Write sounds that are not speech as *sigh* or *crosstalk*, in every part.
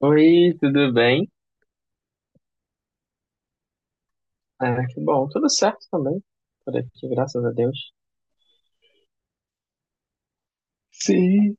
Oi, tudo bem? Ah, que bom, tudo certo também, por aqui, graças a Deus. Sim.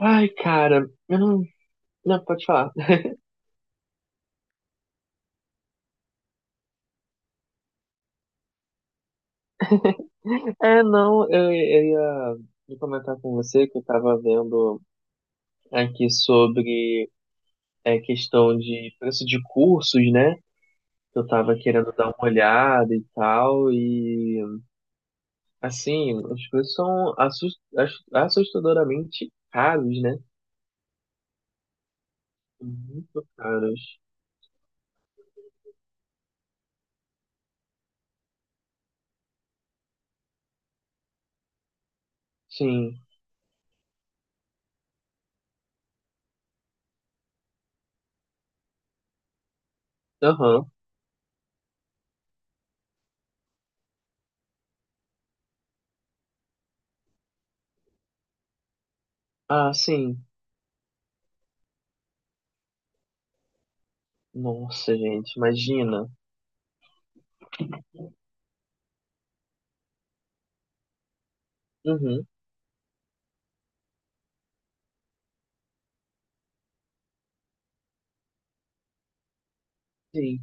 Ai, cara, eu não... Não, pode falar. *laughs* Não, eu ia comentar com você que eu tava vendo aqui sobre a questão de preço de cursos, né? Eu tava querendo dar uma olhada e tal, e assim, os preços são assustadoramente caros, né? Muito caros. Sim, aham. Ah, sim. Nossa, gente, imagina. Uhum, sim.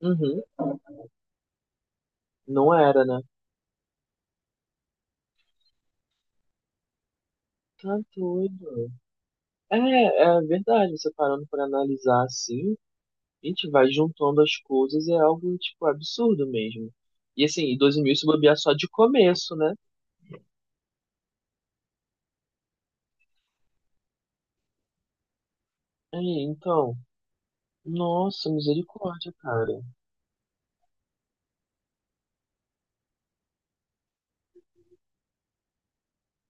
Uhum. Não era, né? Tá doido. É, é verdade. Você parando pra analisar assim, a gente vai juntando as coisas, é algo, tipo, absurdo mesmo. E assim, e 12 mil se bobear só de começo, né? É, então. Nossa, misericórdia, cara.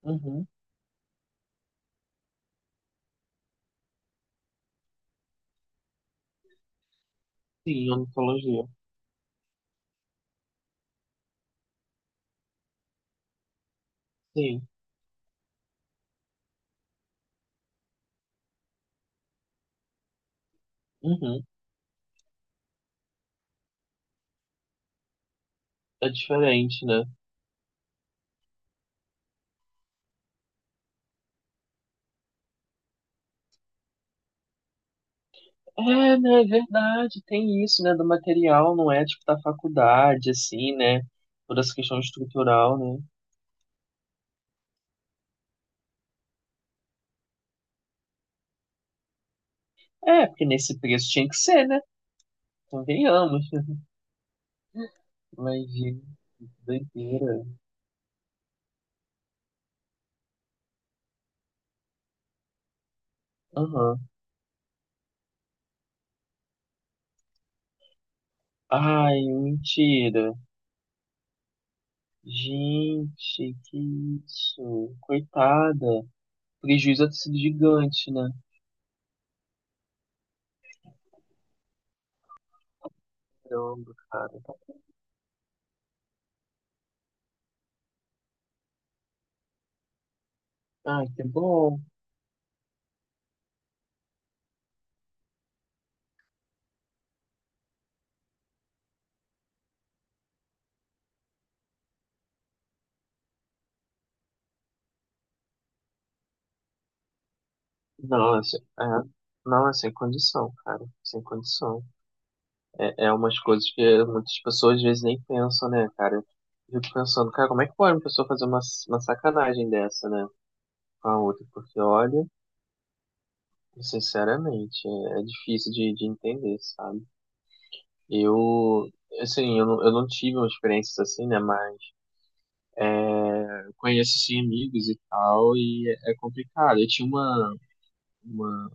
Uhum. Sim, oncologia. Sim. Uhum. É diferente, né? É, né, é verdade, tem isso, né, do material, não é, tipo, da faculdade, assim, né, toda essa questão estrutural, né. É, porque nesse preço tinha que ser, né, convenhamos, mas, gente, que doideira. Aham. Ai, mentira. Gente, que isso, coitada. Prejuízo deve ter sido gigante, né, caramba, cara. Ai, que bom. Nossa, é, não, é sem condição, cara, sem condição. É, é umas coisas que muitas pessoas às vezes nem pensam, né, cara? Eu fico pensando, cara, como é que pode uma pessoa fazer uma sacanagem dessa, né, com a outra? Porque, olha, sinceramente, é difícil de entender, sabe? Eu, assim, eu não tive uma experiência assim, né, mas eu conheço, sim amigos e tal, e é complicado. Eu tinha uma,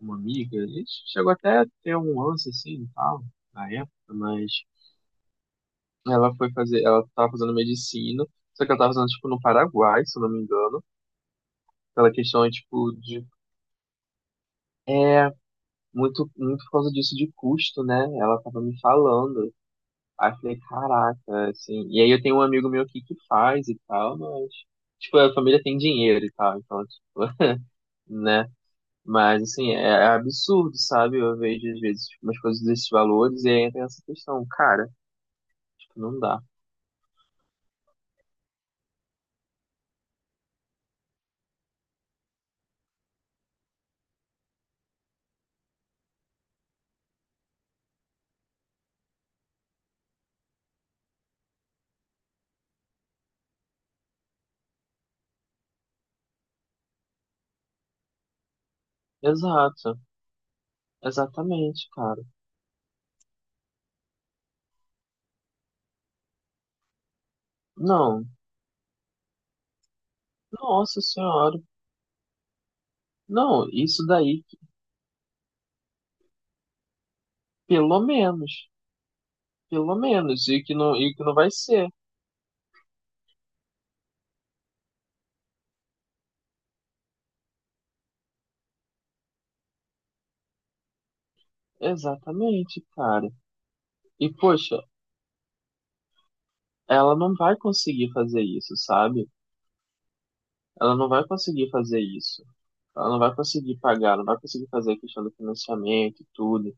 uma amiga, a gente chegou até a ter um lance, assim, e tal, na época, mas ela foi fazer, ela tava fazendo medicina, só que ela tava fazendo, tipo, no Paraguai, se eu não me engano. Aquela questão, tipo, de muito por causa disso de custo, né? Ela tava me falando. Aí eu falei, caraca, assim. E aí eu tenho um amigo meu aqui que faz e tal, mas, tipo, a família tem dinheiro e tal, então, tipo, *laughs* né? Mas, assim, é absurdo, sabe? Eu vejo, às vezes, tipo, umas coisas desses valores e aí entra essa questão, cara, tipo, não dá. Exato, exatamente, cara. Não. Nossa senhora. Não, isso daí, pelo menos. Pelo menos. E que não vai ser. Exatamente, cara. E, poxa, ela não vai conseguir fazer isso, sabe? Ela não vai conseguir fazer isso. Ela não vai conseguir pagar, não vai conseguir fazer a questão do financiamento e tudo.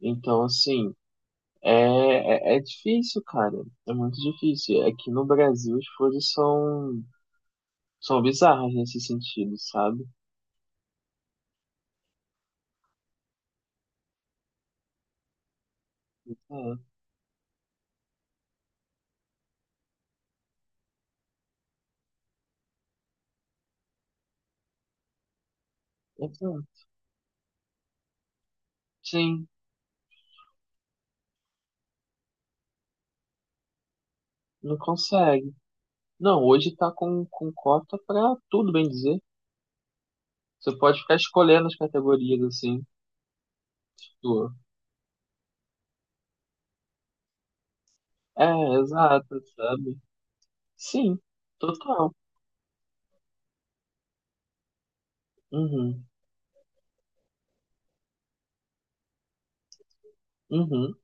Então, assim, é, é difícil, cara. É muito difícil. Aqui no Brasil são bizarras nesse sentido, sabe? Então, então, sim, não consegue. Não, hoje tá com cota pra tudo, bem dizer. Você pode ficar escolhendo as categorias, assim. Tipo, é, exato, sabe? Sim, total. Uhum, uhum.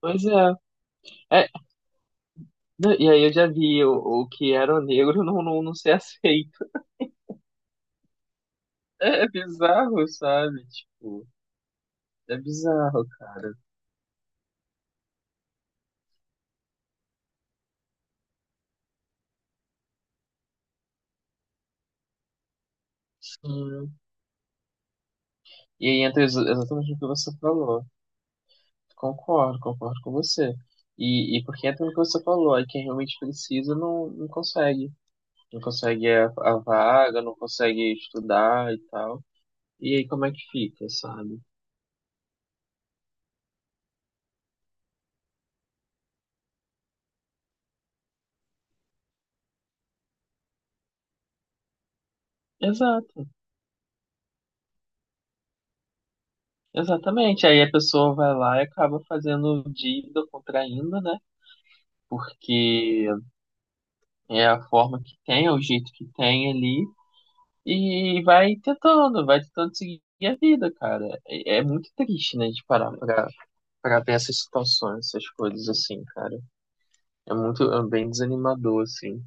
Pois é. É, né, e aí eu já vi o que era o negro não ser *laughs* aceito. É é bizarro, sabe? Tipo, é bizarro, cara. Sim. E aí entra exatamente o que você falou. Concordo, concordo com você. E porque entra no que você falou, aí quem realmente precisa não consegue. Não consegue a vaga, não consegue estudar e tal. E aí como é que fica, sabe? Exato, exatamente. Aí a pessoa vai lá e acaba fazendo dívida, contraindo, né? Porque é a forma que tem, é o jeito que tem ali, e vai tentando seguir a vida, cara. É muito triste, né, de parar pra ver essas situações, essas coisas assim, cara. É muito, é bem desanimador, assim.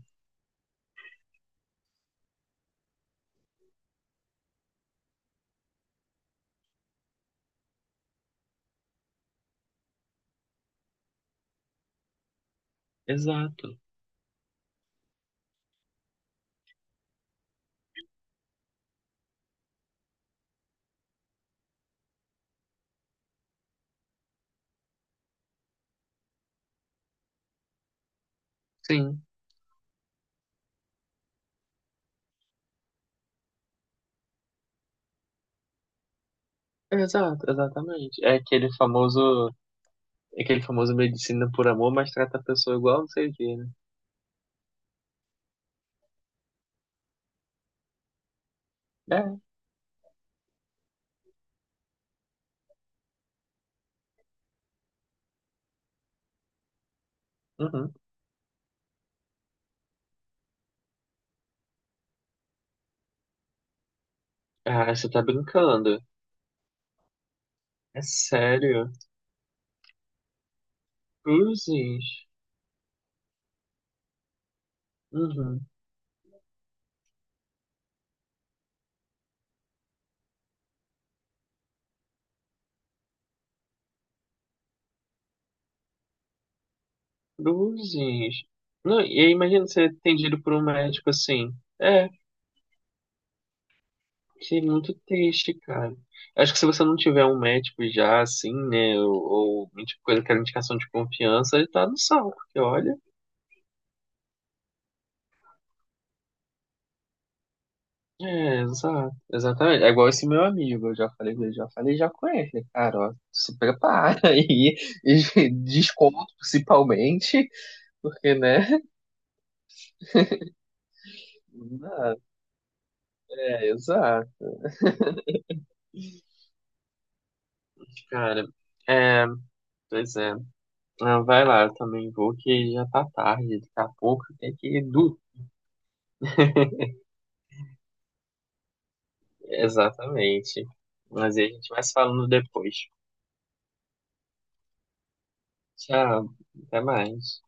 Exato, sim. Exato, exatamente. É aquele famoso medicina por amor, mas trata a pessoa igual não sei o quê, né? É, uhum. Ah, você tá brincando. É sério. Cruzes. Uhum. Cruzes. Não, e aí imagina ser atendido por um médico assim. É, que é muito triste, cara. Acho que se você não tiver um médico já, assim, né, ou tipo, coisa que era indicação de confiança, ele tá no saco, porque olha. É, exato, exatamente. É igual esse meu amigo, eu já falei, já conhece, né, cara, ó, se prepara aí, e *laughs* desconto principalmente, porque, né, não dá. É, exato. Cara, é, pois é. Ah, vai lá, eu também vou, que já tá tarde, daqui a pouco tem que ir, do... Exatamente, mas aí a gente vai se falando depois. Tchau, até mais.